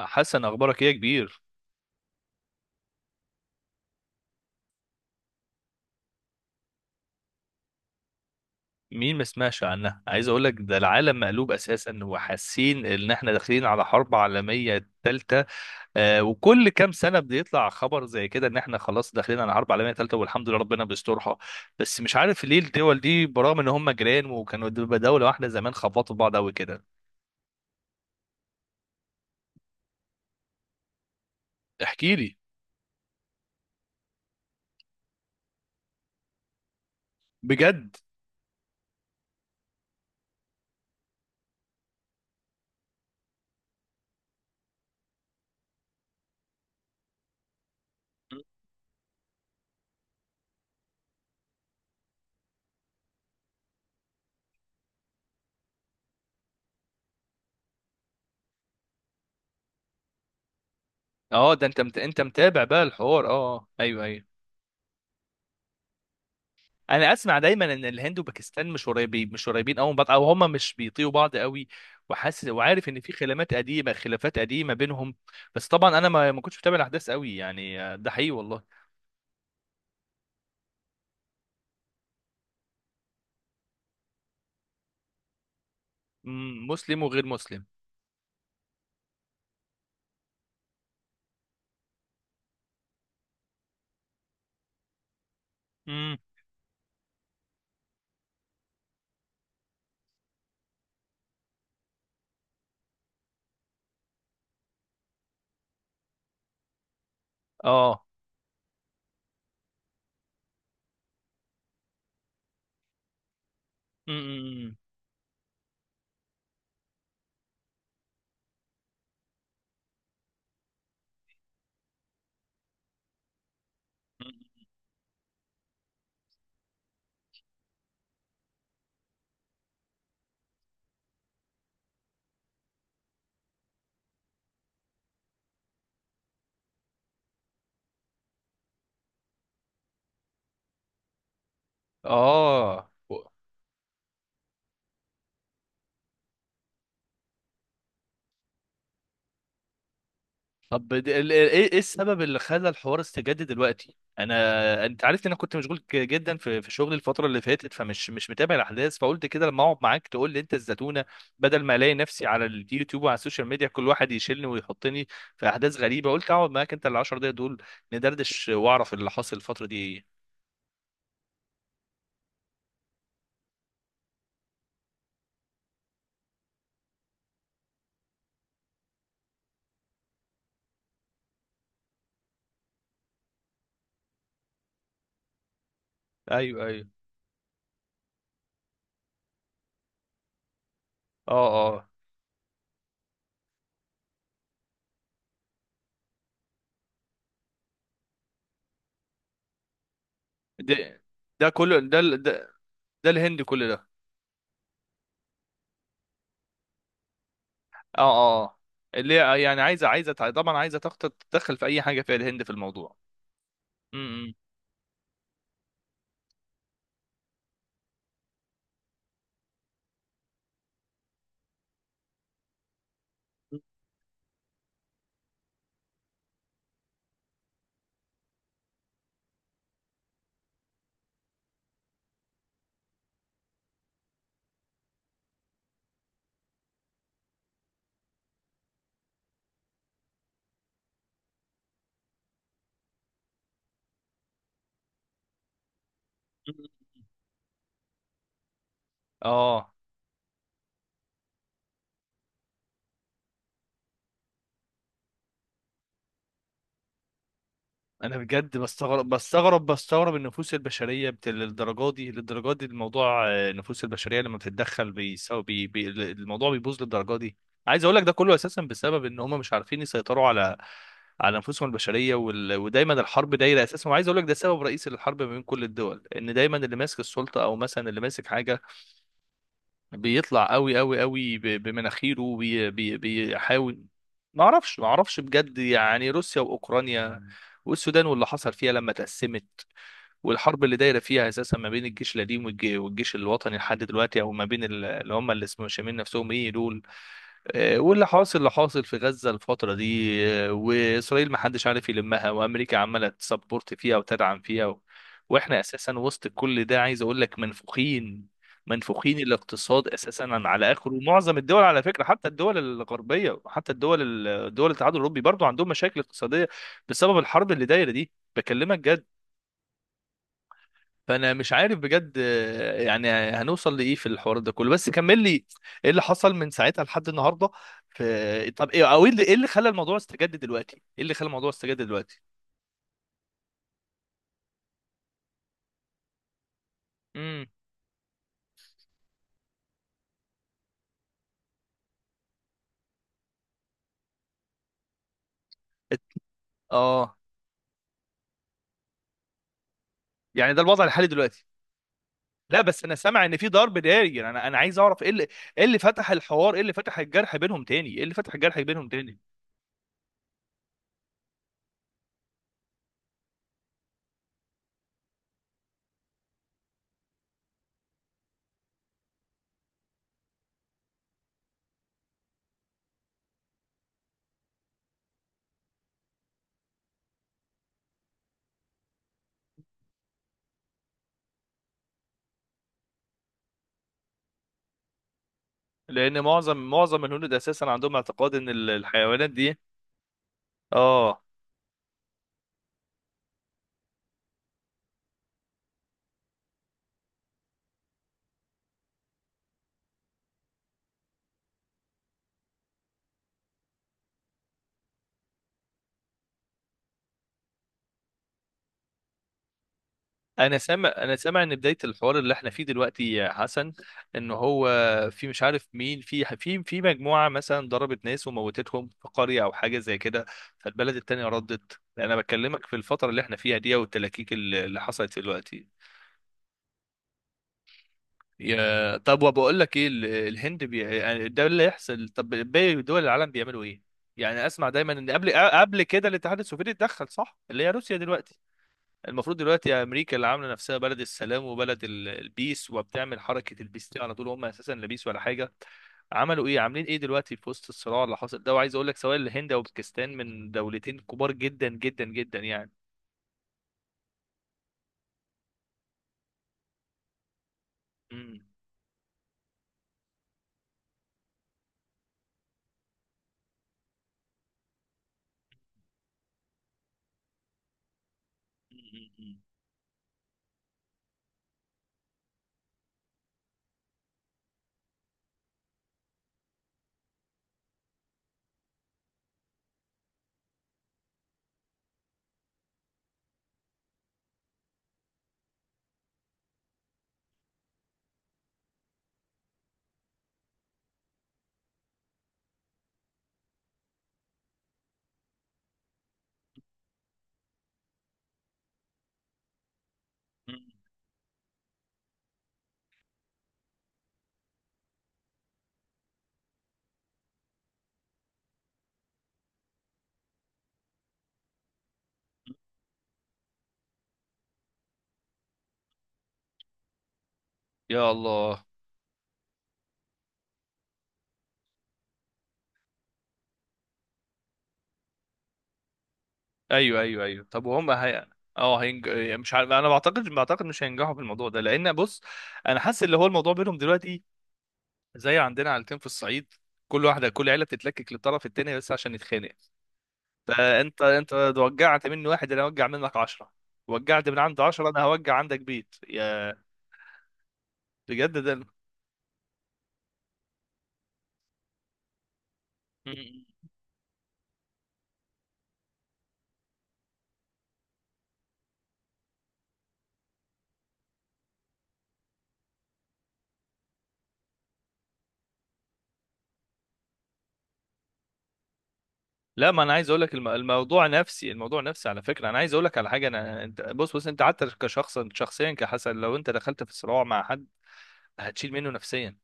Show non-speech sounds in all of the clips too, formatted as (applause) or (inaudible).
حسن، اخبارك ايه يا كبير؟ مين ما سمعش عنها؟ عايز اقول لك ده العالم مقلوب اساسا، وحاسين ان احنا داخلين على حرب عالميه ثالثه. وكل كام سنه بيطلع خبر زي كده ان احنا خلاص داخلين على حرب عالميه ثالثه، والحمد لله ربنا بيسترها. بس مش عارف ليه الدول دي برغم ان هم جيران وكانوا دوله واحده زمان، خبطوا في بعض قوي كده. احكي لي بجد. اه، ده انت انت متابع بقى الحوار؟ اه آه. ايوه ايوه. انا اسمع دايما ان الهند وباكستان مش قريبين، مش قريبين قوي من بعض، او هم مش بيطيقوا بعض قوي، وحاسس وعارف ان في خلافات قديمه، خلافات قديمه بينهم. بس طبعا انا ما كنتش متابع الاحداث قوي، يعني ده حقيقي والله. مم، مسلم وغير مسلم. امم. اه. امم. اه. طب ايه السبب اللي خلى الحوار استجد دلوقتي؟ انا انت عارف ان انا كنت مشغول جدا في شغلي الفتره اللي فاتت، فمش مش متابع الاحداث، فقلت كده لما اقعد معاك تقول لي انت الزتونه، بدل ما الاقي نفسي على اليوتيوب وعلى السوشيال ميديا كل واحد يشيلني ويحطني في احداث غريبه. قلت اقعد معاك انت ال 10 دقايق دول، ندردش واعرف اللي حاصل الفتره دي ايه. ايوه ايوه. اه اه. ده ده كله ده ال- ده, ده الهند كل ده. اه اه آه. اللي هي يعني عايزه، عايزه طبعا تدخل في اي حاجه فيها الهند في الموضوع. امم. اه. انا بجد بستغرب، بستغرب النفوس البشريه للدرجه دي، للدرجه دي الموضوع. النفوس البشريه لما بتتدخل الموضوع بيبوظ للدرجه دي. عايز اقول لك ده كله اساسا بسبب ان هم مش عارفين يسيطروا على نفوسهم البشريه، ودايما الحرب دايره اساسا. وعايز اقول لك ده سبب رئيسي للحرب ما بين كل الدول، ان دايما اللي ماسك السلطه او مثلا اللي ماسك حاجه بيطلع قوي، قوي قوي بمناخيره بيحاول. ما اعرفش بجد، يعني روسيا واوكرانيا، والسودان واللي حصل فيها لما تقسمت، والحرب اللي دايره فيها اساسا ما بين الجيش القديم والجيش الوطني لحد دلوقتي، او ما بين اللي هم اللي اسمهم شامين نفسهم ايه دول. واللي حاصل، اللي حاصل في غزة الفترة دي، وإسرائيل ما حدش عارف يلمها، وأمريكا عمالة تسبورت فيها وتدعم فيها وإحنا أساسا وسط كل ده عايز أقول لك منفوخين. منفوخين الاقتصاد أساسا على آخره. ومعظم الدول على فكرة، حتى الدول الغربية وحتى الدول، دول الاتحاد الأوروبي برضو عندهم مشاكل اقتصادية بسبب الحرب اللي دايرة دي، بكلمك جد. فانا مش عارف بجد، يعني هنوصل لايه في الحوار ده كله؟ بس كمل لي، ايه اللي حصل من ساعتها لحد النهارده؟ في إيه؟ طب ايه، او ايه اللي إيه اللي خلى الموضوع استجد دلوقتي؟ ايه اللي خلى الموضوع استجد دلوقتي. امم. اه. يعني ده الوضع الحالي دلوقتي؟ لا بس انا سامع ان في ضرب ناري، يعني انا عايز اعرف ايه اللي، ايه اللي فتح الحوار؟ ايه اللي فتح الجرح بينهم تاني؟ ايه اللي فتح الجرح بينهم تاني. لان معظم الهنود اساسا عندهم اعتقاد ان الحيوانات دي. اه. انا سامع، انا سامع ان بدايه الحوار اللي احنا فيه دلوقتي يا حسن، ان هو في مش عارف مين، في في مجموعه مثلا ضربت ناس وموتتهم في قريه او حاجه زي كده، فالبلد التانيه ردت. انا بكلمك في الفتره اللي احنا فيها دي، والتلاكيك اللي حصلت دلوقتي. يا طب، وبقول لك ايه، الهند يعني ده اللي يحصل. طب باقي دول العالم بيعملوا ايه؟ يعني اسمع دايما ان قبل كده الاتحاد السوفيتي اتدخل، صح؟ اللي هي روسيا دلوقتي. المفروض دلوقتي امريكا، اللي عامله نفسها بلد السلام وبلد البيس، وبتعمل حركه البيس دي على طول، هم اساسا لا بيس ولا حاجه. عملوا ايه؟ عاملين ايه دلوقتي في وسط الصراع اللي حاصل ده؟ وعايز اقول لك سواء الهند او باكستان من دولتين كبار، جدا جدا جدا يعني. مم. مم. مم. يا الله. ايوه ايوه ايوج. طب وهم اه مش عارف. انا بعتقد مش هينجحوا في الموضوع ده، لان بص، انا حاسس اللي هو الموضوع بينهم دلوقتي زي عندنا عيلتين في الصعيد، كل عيله بتتلكك للطرف التاني بس عشان يتخانق. فانت وجعت مني واحد، انا اوجع منك عشرة. وجعت من عند عشرة، انا هوجع عندك بيت يا. بجد ده. مم. لا ما انا عايز اقول لك الموضوع نفسي، الموضوع نفسي على فكره. انا عايز اقول لك على حاجه. انا انت بص انت حتى كشخص شخصيا كحسن، لو انت دخلت في صراع مع حد، هتشيل منه نفسيا،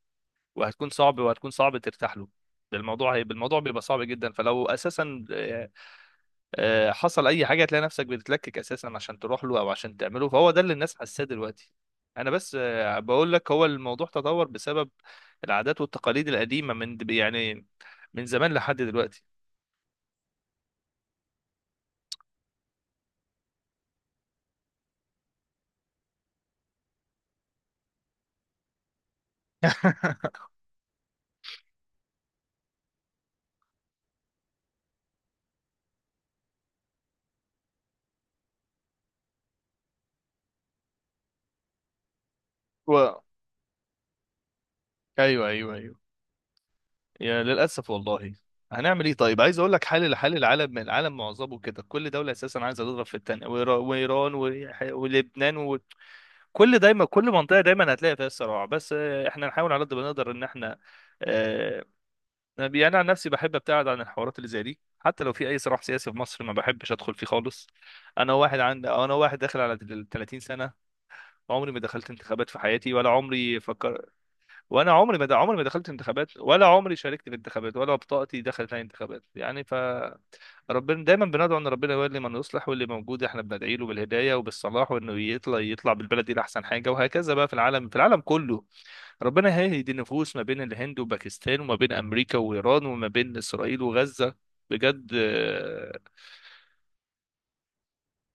وهتكون صعب وهتكون صعب ترتاح له. ده الموضوع هيبقى، الموضوع بيبقى صعب جدا. فلو اساسا حصل اي حاجه، هتلاقي نفسك بتتلكك اساسا عشان تروح له او عشان تعمله. فهو ده اللي الناس حاساه دلوقتي. انا بس بقول لك، هو الموضوع تطور بسبب العادات والتقاليد القديمه، من يعني من زمان لحد دلوقتي. (laughs) و... ايوه ايوه ايوه، يا للاسف والله. هنعمل ايه طيب؟ عايز اقول لك حال لحال العالم. من العالم معظمه كده، كل دوله اساسا عايزه تضرب في التانيه، وايران ولبنان، وكل دايما كل منطقه دايما هتلاقي فيها صراع. بس احنا نحاول على قد ما نقدر ان احنا آه، يعني انا عن نفسي بحب ابتعد عن الحوارات اللي زي دي، حتى لو في اي صراع سياسي في مصر ما بحبش ادخل فيه خالص. انا واحد داخل على ال 30 سنه، عمري ما دخلت انتخابات في حياتي ولا عمري فكر. وانا عمري ما دخلت انتخابات، ولا عمري شاركت في انتخابات، ولا بطاقتي دخلت اي انتخابات يعني ف. ربنا دايما بندعو ان ربنا يولي من يصلح، واللي موجود احنا بندعي له بالهدايه وبالصلاح، وانه يطلع، يطلع بالبلد دي لاحسن حاجه. وهكذا بقى في العالم، في العالم كله. ربنا هيهدي النفوس ما بين الهند وباكستان، وما بين امريكا وايران، وما بين اسرائيل وغزه. بجد آه،.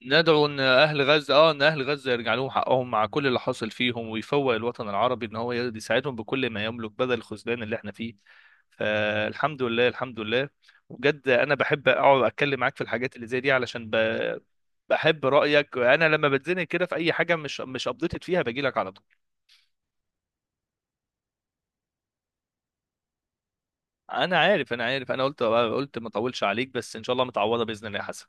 ندعو ان اهل غزه، اه ان اهل غزه يرجع لهم حقهم مع كل اللي حاصل فيهم، ويفوق الوطن العربي ان هو يساعدهم بكل ما يملك، بدل الخذلان اللي احنا فيه. فالحمد لله، الحمد لله. وبجد انا بحب اقعد اتكلم معاك في الحاجات اللي زي دي، علشان بحب رايك. انا لما بتزنق كده في اي حاجه مش ابديتد فيها، باجي لك على طول. انا عارف، انا عارف. انا قلت ما اطولش عليك، بس ان شاء الله متعوضه باذن الله يا حسن.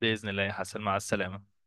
باذن الله يا حسن، مع السلامه.